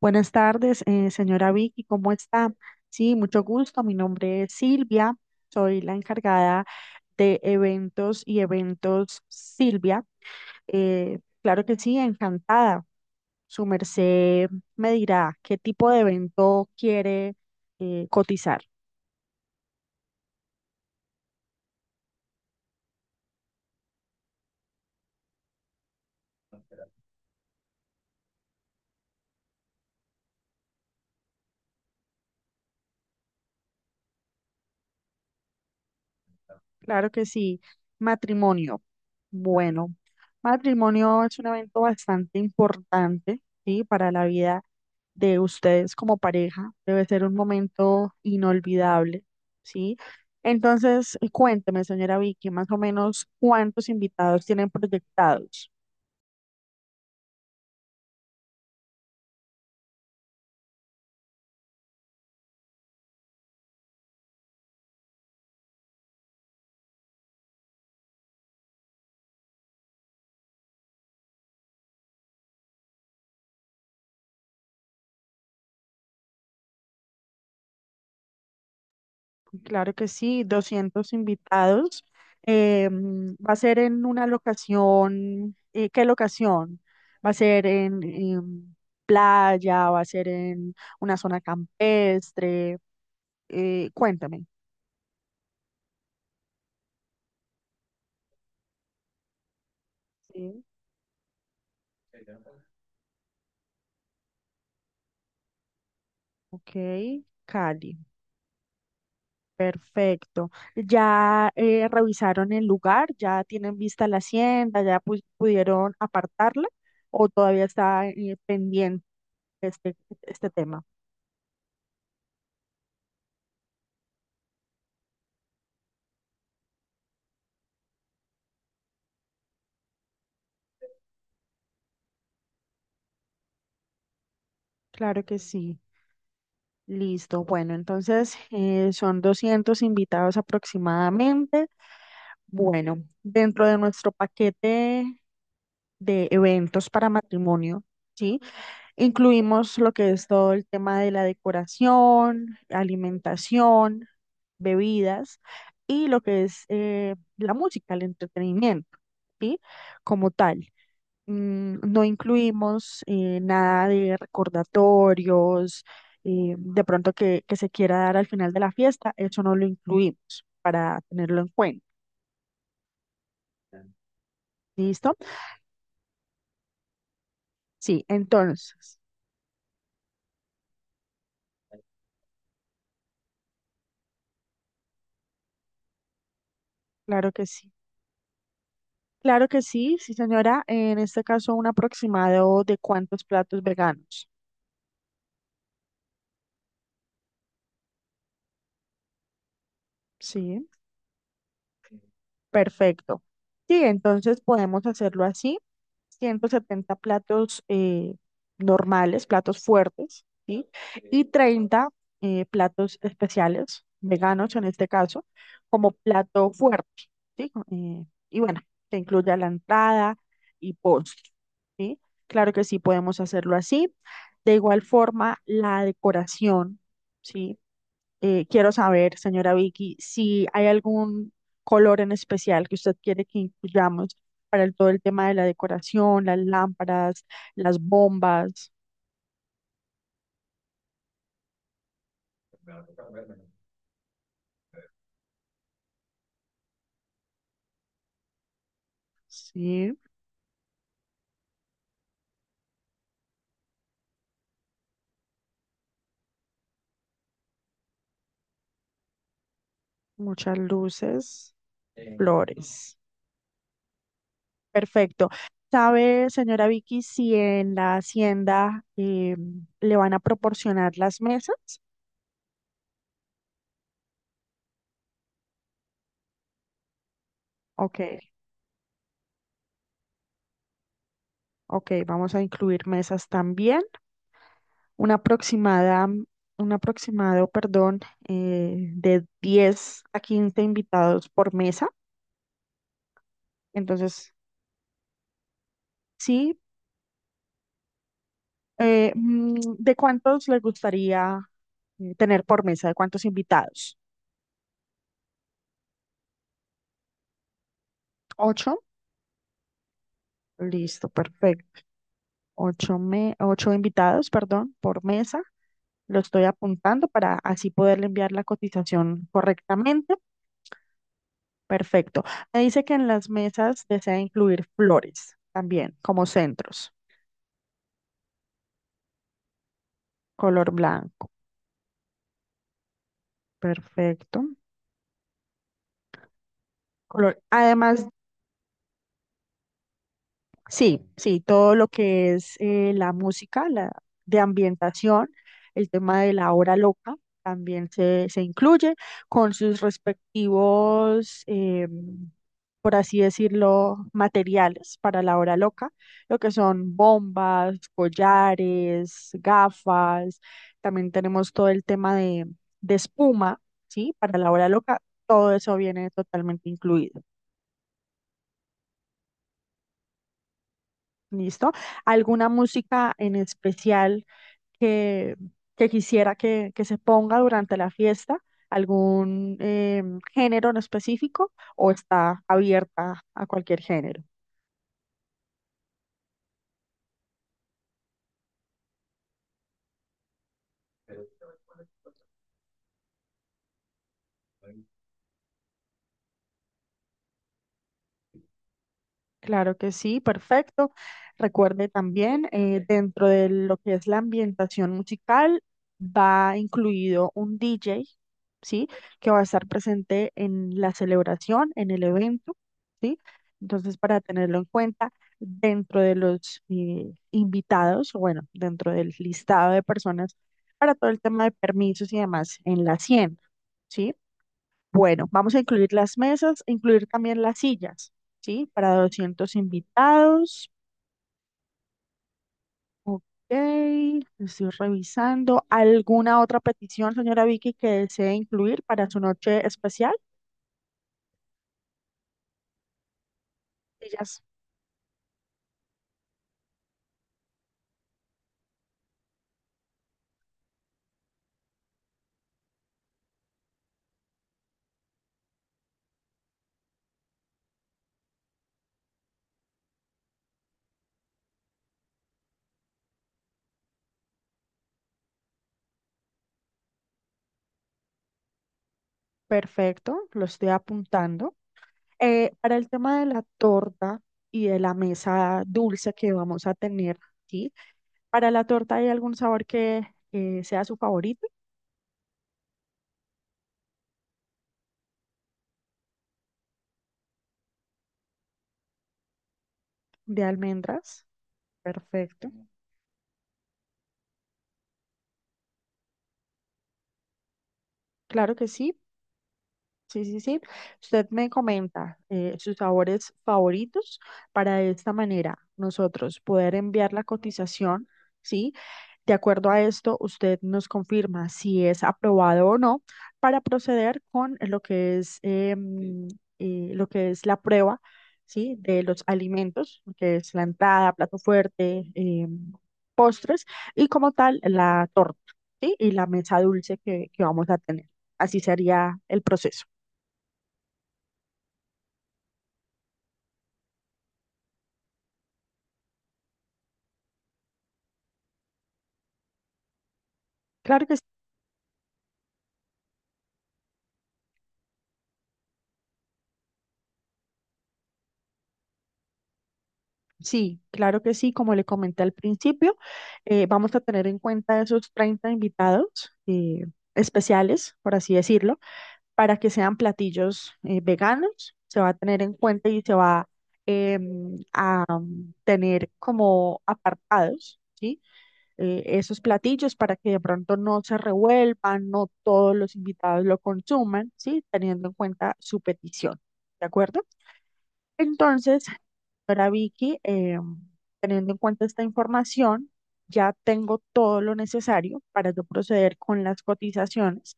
Buenas tardes, señora Vicky, ¿cómo está? Sí, mucho gusto. Mi nombre es Silvia, soy la encargada de eventos y eventos Silvia. Claro que sí, encantada. Su merced me dirá qué tipo de evento quiere cotizar. Claro que sí. Matrimonio. Bueno, matrimonio es un evento bastante importante, ¿sí? Para la vida de ustedes como pareja. Debe ser un momento inolvidable, ¿sí? Entonces, cuénteme, señora Vicky, más o menos cuántos invitados tienen proyectados. Claro que sí, 200 invitados. Va a ser en una locación, ¿qué locación? Va a ser en playa, va a ser en una zona campestre. Cuéntame. Sí. Ok, Cali, perfecto. ¿Ya revisaron el lugar? ¿Ya tienen vista la hacienda? ¿Ya pudieron apartarla? ¿O todavía está pendiente este, este tema? Claro que sí. Listo. Bueno, entonces son 200 invitados aproximadamente. Bueno, dentro de nuestro paquete de eventos para matrimonio, ¿sí? Incluimos lo que es todo el tema de la decoración, alimentación, bebidas y lo que es la música, el entretenimiento, ¿sí? Como tal no incluimos nada de recordatorios, de pronto que se quiera dar al final de la fiesta, eso no lo incluimos para tenerlo en cuenta. ¿Listo? Sí, entonces, claro que sí. Claro que sí, sí, señora. En este caso, un aproximado de cuántos platos veganos. Sí. Perfecto. Sí, entonces podemos hacerlo así. 170 platos normales, platos fuertes, ¿sí? Y 30 platos especiales, veganos en este caso, como plato fuerte, ¿sí? Y bueno, que incluya la entrada y postre, ¿sí? Claro que sí, podemos hacerlo así. De igual forma, la decoración, ¿sí? Quiero saber, señora Vicky, si hay algún color en especial que usted quiere que incluyamos para todo el tema de la decoración, las lámparas, las bombas, sí, muchas luces, flores. Perfecto. ¿Sabe, señora Vicky, si en la hacienda le van a proporcionar las mesas? Ok, ok, vamos a incluir mesas también. una aproximada, un aproximado, perdón, de 10 a 15 invitados por mesa. Entonces, sí, ¿de cuántos les gustaría tener por mesa? ¿De cuántos invitados? ¿Ocho? Listo, perfecto. Ocho, ocho invitados, perdón, por mesa. Lo estoy apuntando para así poderle enviar la cotización correctamente. Perfecto. Me dice que en las mesas desea incluir flores también, como centros, color blanco. Perfecto. Color. Además sí, sí, todo lo que es la música, la de ambientación, el tema de la hora loca también se incluye con sus respectivos, por así decirlo, materiales para la hora loca, lo que son bombas, collares, gafas, también tenemos todo el tema de espuma, ¿sí? Para la hora loca, todo eso viene totalmente incluido. ¿Listo? ¿Alguna música en especial que, que quisiera que se ponga durante la fiesta? ¿Algún género en específico o está abierta a cualquier género? Claro que sí, perfecto. Recuerde también, dentro de lo que es la ambientación musical, va incluido un DJ, ¿sí? Que va a estar presente en la celebración, en el evento, ¿sí? Entonces, para tenerlo en cuenta, dentro de los invitados, o bueno, dentro del listado de personas, para todo el tema de permisos y demás, en la 100, ¿sí? Bueno, vamos a incluir las mesas, incluir también las sillas, ¿sí? Para 200 invitados. Ok, estoy revisando. ¿Alguna otra petición, señora Vicky, que desee incluir para su noche especial? Sillas, perfecto, lo estoy apuntando. Para el tema de la torta y de la mesa dulce que vamos a tener, ¿sí? Para la torta, ¿hay algún sabor que sea su favorito? De almendras. Perfecto. Claro que sí. Sí, sí, sí. Usted me comenta sus sabores favoritos para de esta manera nosotros poder enviar la cotización, ¿sí? De acuerdo a esto, usted nos confirma si es aprobado o no para proceder con lo que es, lo que es la prueba, ¿sí? De los alimentos, lo que es la entrada, plato fuerte, postres y como tal la torta, ¿sí? Y la mesa dulce que vamos a tener. Así sería el proceso. Claro que s- sí, claro que sí, como le comenté al principio, vamos a tener en cuenta esos 30 invitados especiales, por así decirlo, para que sean platillos veganos, se va a tener en cuenta y se va tener como apartados, ¿sí? Esos platillos para que de pronto no se revuelvan, no todos los invitados lo consuman, ¿sí? Teniendo en cuenta su petición, ¿de acuerdo? Entonces, para Vicky, teniendo en cuenta esta información, ya tengo todo lo necesario para yo proceder con las cotizaciones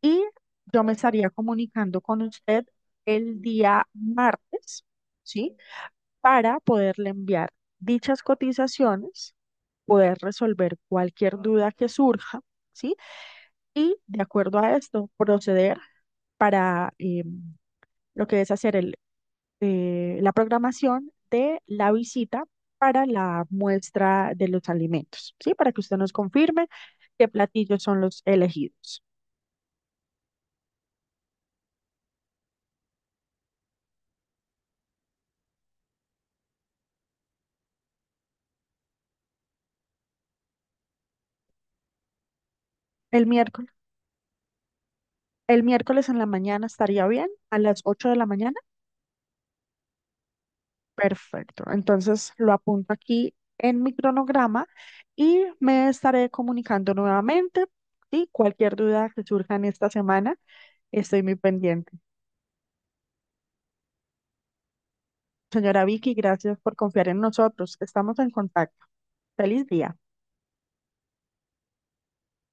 y yo me estaría comunicando con usted el día martes, ¿sí? Para poderle enviar dichas cotizaciones, poder resolver cualquier duda que surja, ¿sí? Y de acuerdo a esto, proceder para lo que es hacer el la programación de la visita para la muestra de los alimentos, ¿sí? Para que usted nos confirme qué platillos son los elegidos. El miércoles, el miércoles en la mañana estaría bien, a las 8 de la mañana. Perfecto. Entonces lo apunto aquí en mi cronograma y me estaré comunicando nuevamente. Y cualquier duda que surja en esta semana, estoy muy pendiente. Señora Vicky, gracias por confiar en nosotros. Estamos en contacto. Feliz día.